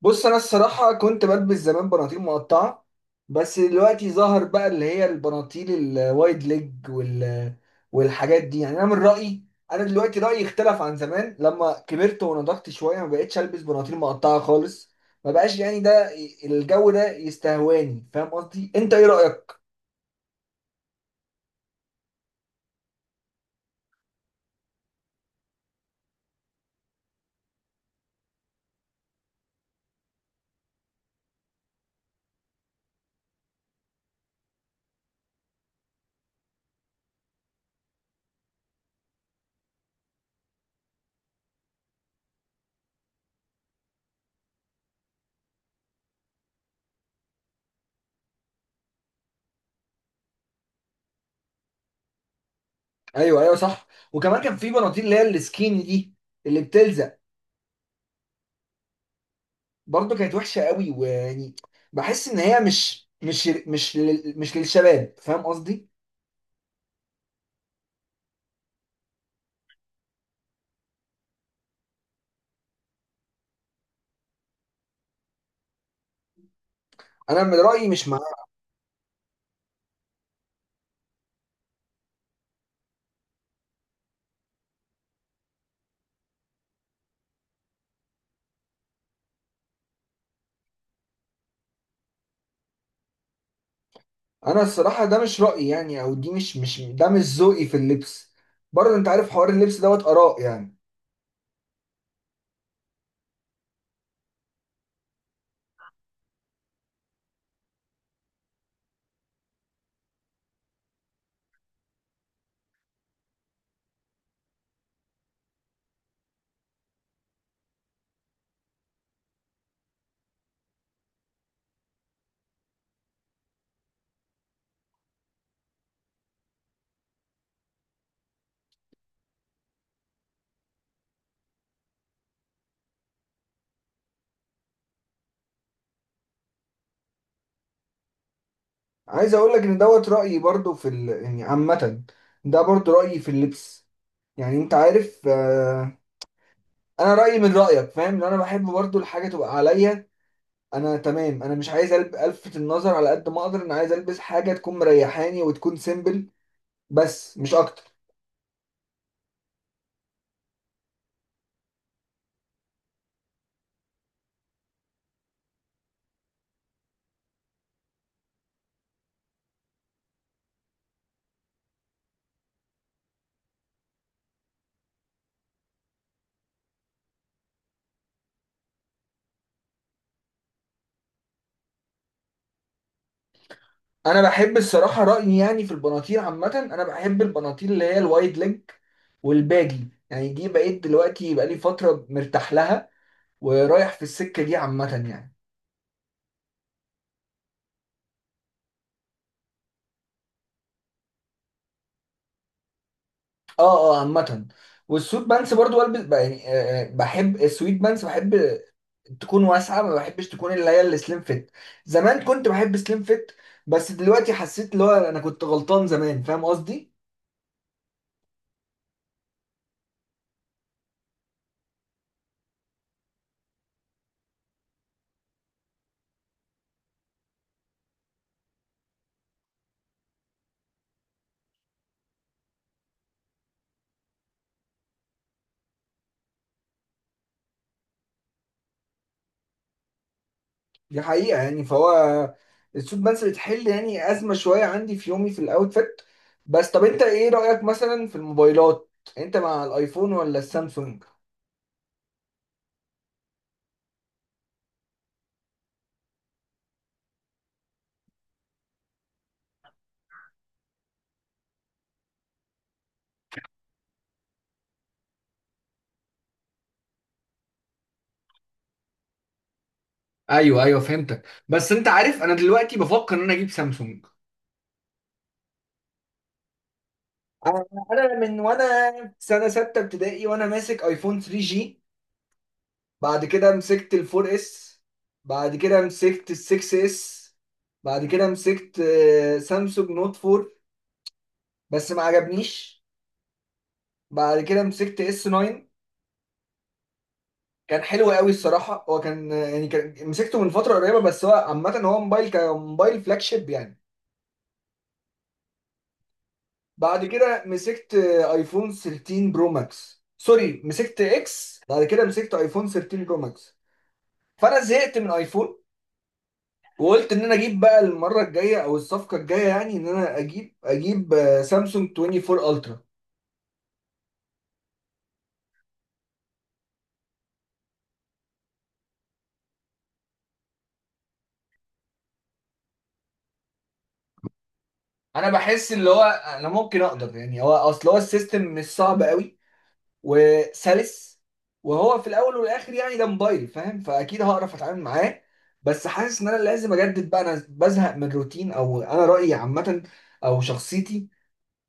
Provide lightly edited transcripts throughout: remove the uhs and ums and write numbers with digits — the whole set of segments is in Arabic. بص، انا الصراحه كنت بلبس زمان بناطيل مقطعه. بس دلوقتي ظهر بقى اللي هي البناطيل الوايد ليج والحاجات دي، يعني انا من رايي، انا دلوقتي رايي اختلف عن زمان لما كبرت ونضجت شويه. ما بقتش البس بناطيل مقطعه خالص، ما بقاش يعني الجو ده يستهواني. فاهم قصدي؟ انت ايه رايك؟ ايوه، ايوه، صح. وكمان كان في بناطيل اللي هي السكيني دي اللي بتلزق، برضه كانت وحشه قوي، ويعني بحس ان هي مش للشباب، فاهم قصدي؟ انا من رايي مش معاه. انا الصراحه ده مش رايي، يعني او دي مش ده مش ذوقي في اللبس، برضه انت عارف حوار اللبس دوت اراء يعني. عايز اقول لك ان دوت رايي برضه يعني عامه، ده برضه رايي في اللبس، يعني انت عارف. انا رايي من رايك، فاهم؟ لو انا بحب برضه الحاجه تبقى عليا، انا تمام. انا مش عايز الفت النظر على قد ما اقدر، انا عايز البس حاجه تكون مريحاني وتكون سيمبل، بس مش اكتر. انا بحب الصراحه رايي يعني في البناطيل عامه، انا بحب البناطيل اللي هي الوايد ليج والباجي، يعني دي بقيت دلوقتي بقالي فتره مرتاح لها ورايح في السكه دي عامه يعني. اه، اه، عامه. والسويت بانس برضو البس يعني، بحب السويت بانس، بحب تكون واسعه، ما بحبش تكون اللي هي السليم فيت. زمان كنت بحب سليم فيت، بس دلوقتي حسيت اللي هو انا كنت غلطان زمان، فاهم قصدي؟ دي حقيقة يعني، فهو السوت بانس بتحل يعني أزمة شوية عندي في يومي في الأوتفيت. بس طب أنت إيه رأيك مثلا في الموبايلات؟ أنت مع الأيفون ولا السامسونج؟ ايوه، ايوه، فهمتك. بس انت عارف انا دلوقتي بفكر ان انا اجيب سامسونج. أنا أنا من وأنا في سنة ستة ابتدائي وأنا ماسك أيفون 3 جي، بعد كده مسكت ال 4 اس، بعد كده مسكت ال 6 اس، بعد كده مسكت سامسونج نوت 4 بس ما عجبنيش، بعد كده مسكت اس 9. كان حلو قوي الصراحه، هو كان يعني كان مسكته من فتره قريبه، بس هو عامه هو موبايل كموبايل فلاج شيب يعني. بعد كده مسكت ايفون 13 برو ماكس، سوري، مسكت اكس، بعد كده مسكت ايفون 13 برو ماكس. فانا زهقت من ايفون وقلت ان انا اجيب بقى المره الجايه او الصفقه الجايه، يعني ان انا اجيب سامسونج 24 الترا. انا بحس اللي هو انا ممكن اقدر، يعني هو اصل هو السيستم مش صعب قوي، وسلس، وهو في الاول والاخر يعني ده موبايل، فاهم؟ فاكيد هعرف اتعامل معاه. بس حاسس ان انا لازم اجدد بقى، انا بزهق من الروتين، او انا رايي عامه او شخصيتي،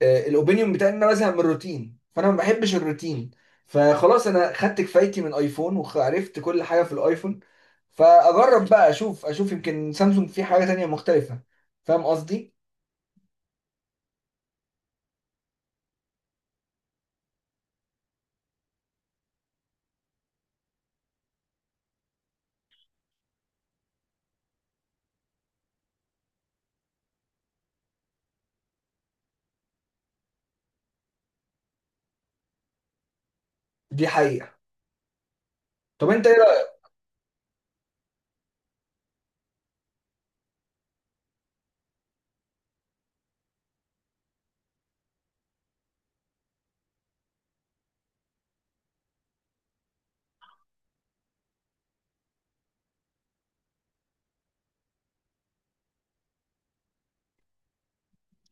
الاوبينيون بتاعي ان انا بزهق من الروتين، فانا ما بحبش الروتين. فخلاص انا خدت كفايتي من ايفون وعرفت كل حاجه في الايفون، فاجرب بقى، اشوف يمكن سامسونج في حاجه تانية مختلفه، فاهم قصدي؟ دي حقيقه. طب انت ايه رايك؟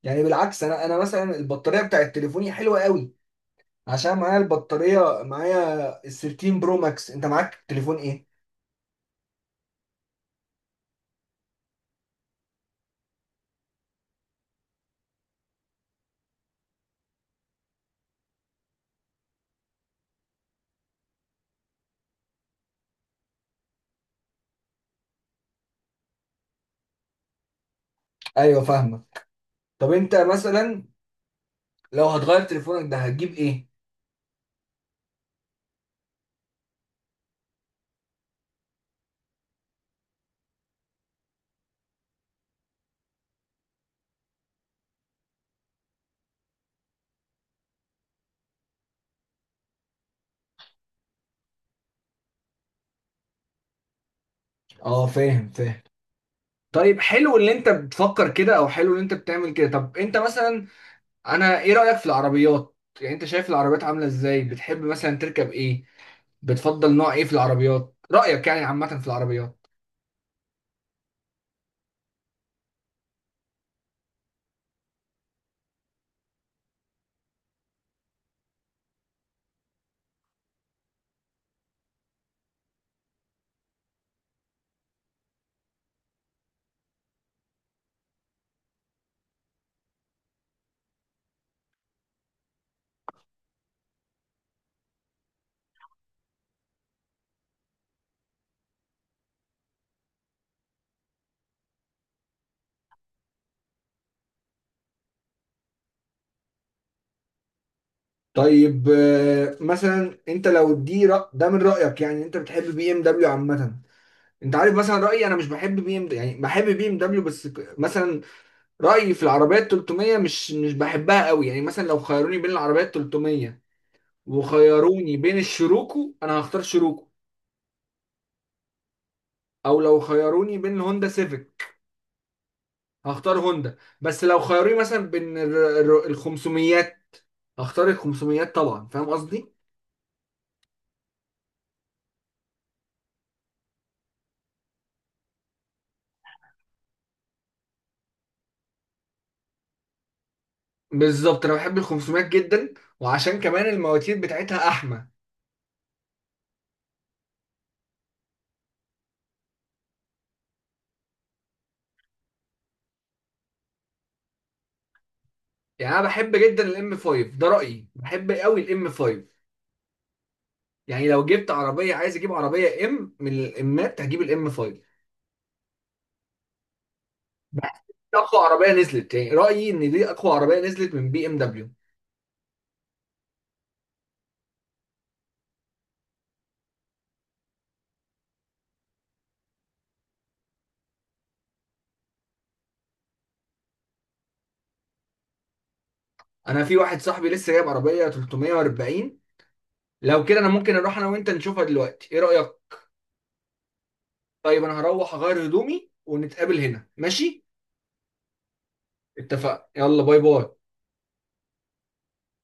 يعني بالعكس، انا مثلا البطاريه بتاعت تليفوني حلوه قوي، عشان معايا البطارية، معايا ال 13 برو ماكس. انت معاك تليفون ايه؟ ايوه، فاهمك. طب انت مثلا لو هتغير تليفونك ده هتجيب ايه؟ اه، فاهم، فاهم. طيب حلو اللي انت بتفكر كده، او حلو اللي انت بتعمل كده. طب انت مثلا انا ايه رأيك في العربيات؟ يعني انت شايف العربيات عاملة ازاي؟ بتحب مثلا تركب ايه؟ بتفضل نوع ايه في العربيات؟ رأيك يعني عامة في العربيات. طيب مثلا انت لو ده من رأيك يعني، انت بتحب بي ام دبليو عامة. انت عارف مثلا رايي، انا مش بحب بي ام، يعني بحب بي ام دبليو بس مثلا رايي في العربيات 300 مش بحبها قوي، يعني مثلا لو خيروني بين العربيات 300 وخيروني بين الشروكو، انا هختار شروكو، او لو خيروني بين الهوندا سيفيك هختار هوندا. بس لو خيروني مثلا بين ال 500، هختار ال 500 طبعا، فاهم قصدي؟ بالظبط، انا بحب ال 500 جدا، وعشان كمان المواتير بتاعتها احمى. يعني انا بحب جدا الام 5، ده رايي، بحب قوي الام 5، يعني لو جبت عربيه، عايز اجيب عربيه ام من الامات، هجيب الام 5، اقوى عربيه نزلت، يعني رايي ان دي اقوى عربيه نزلت من بي ام دبليو. انا في واحد صاحبي لسه جايب عربيه 340، لو كده انا ممكن اروح انا وانت نشوفها دلوقتي، ايه رايك؟ طيب انا هروح اغير هدومي ونتقابل هنا، ماشي؟ اتفقنا، يلا، باي باي.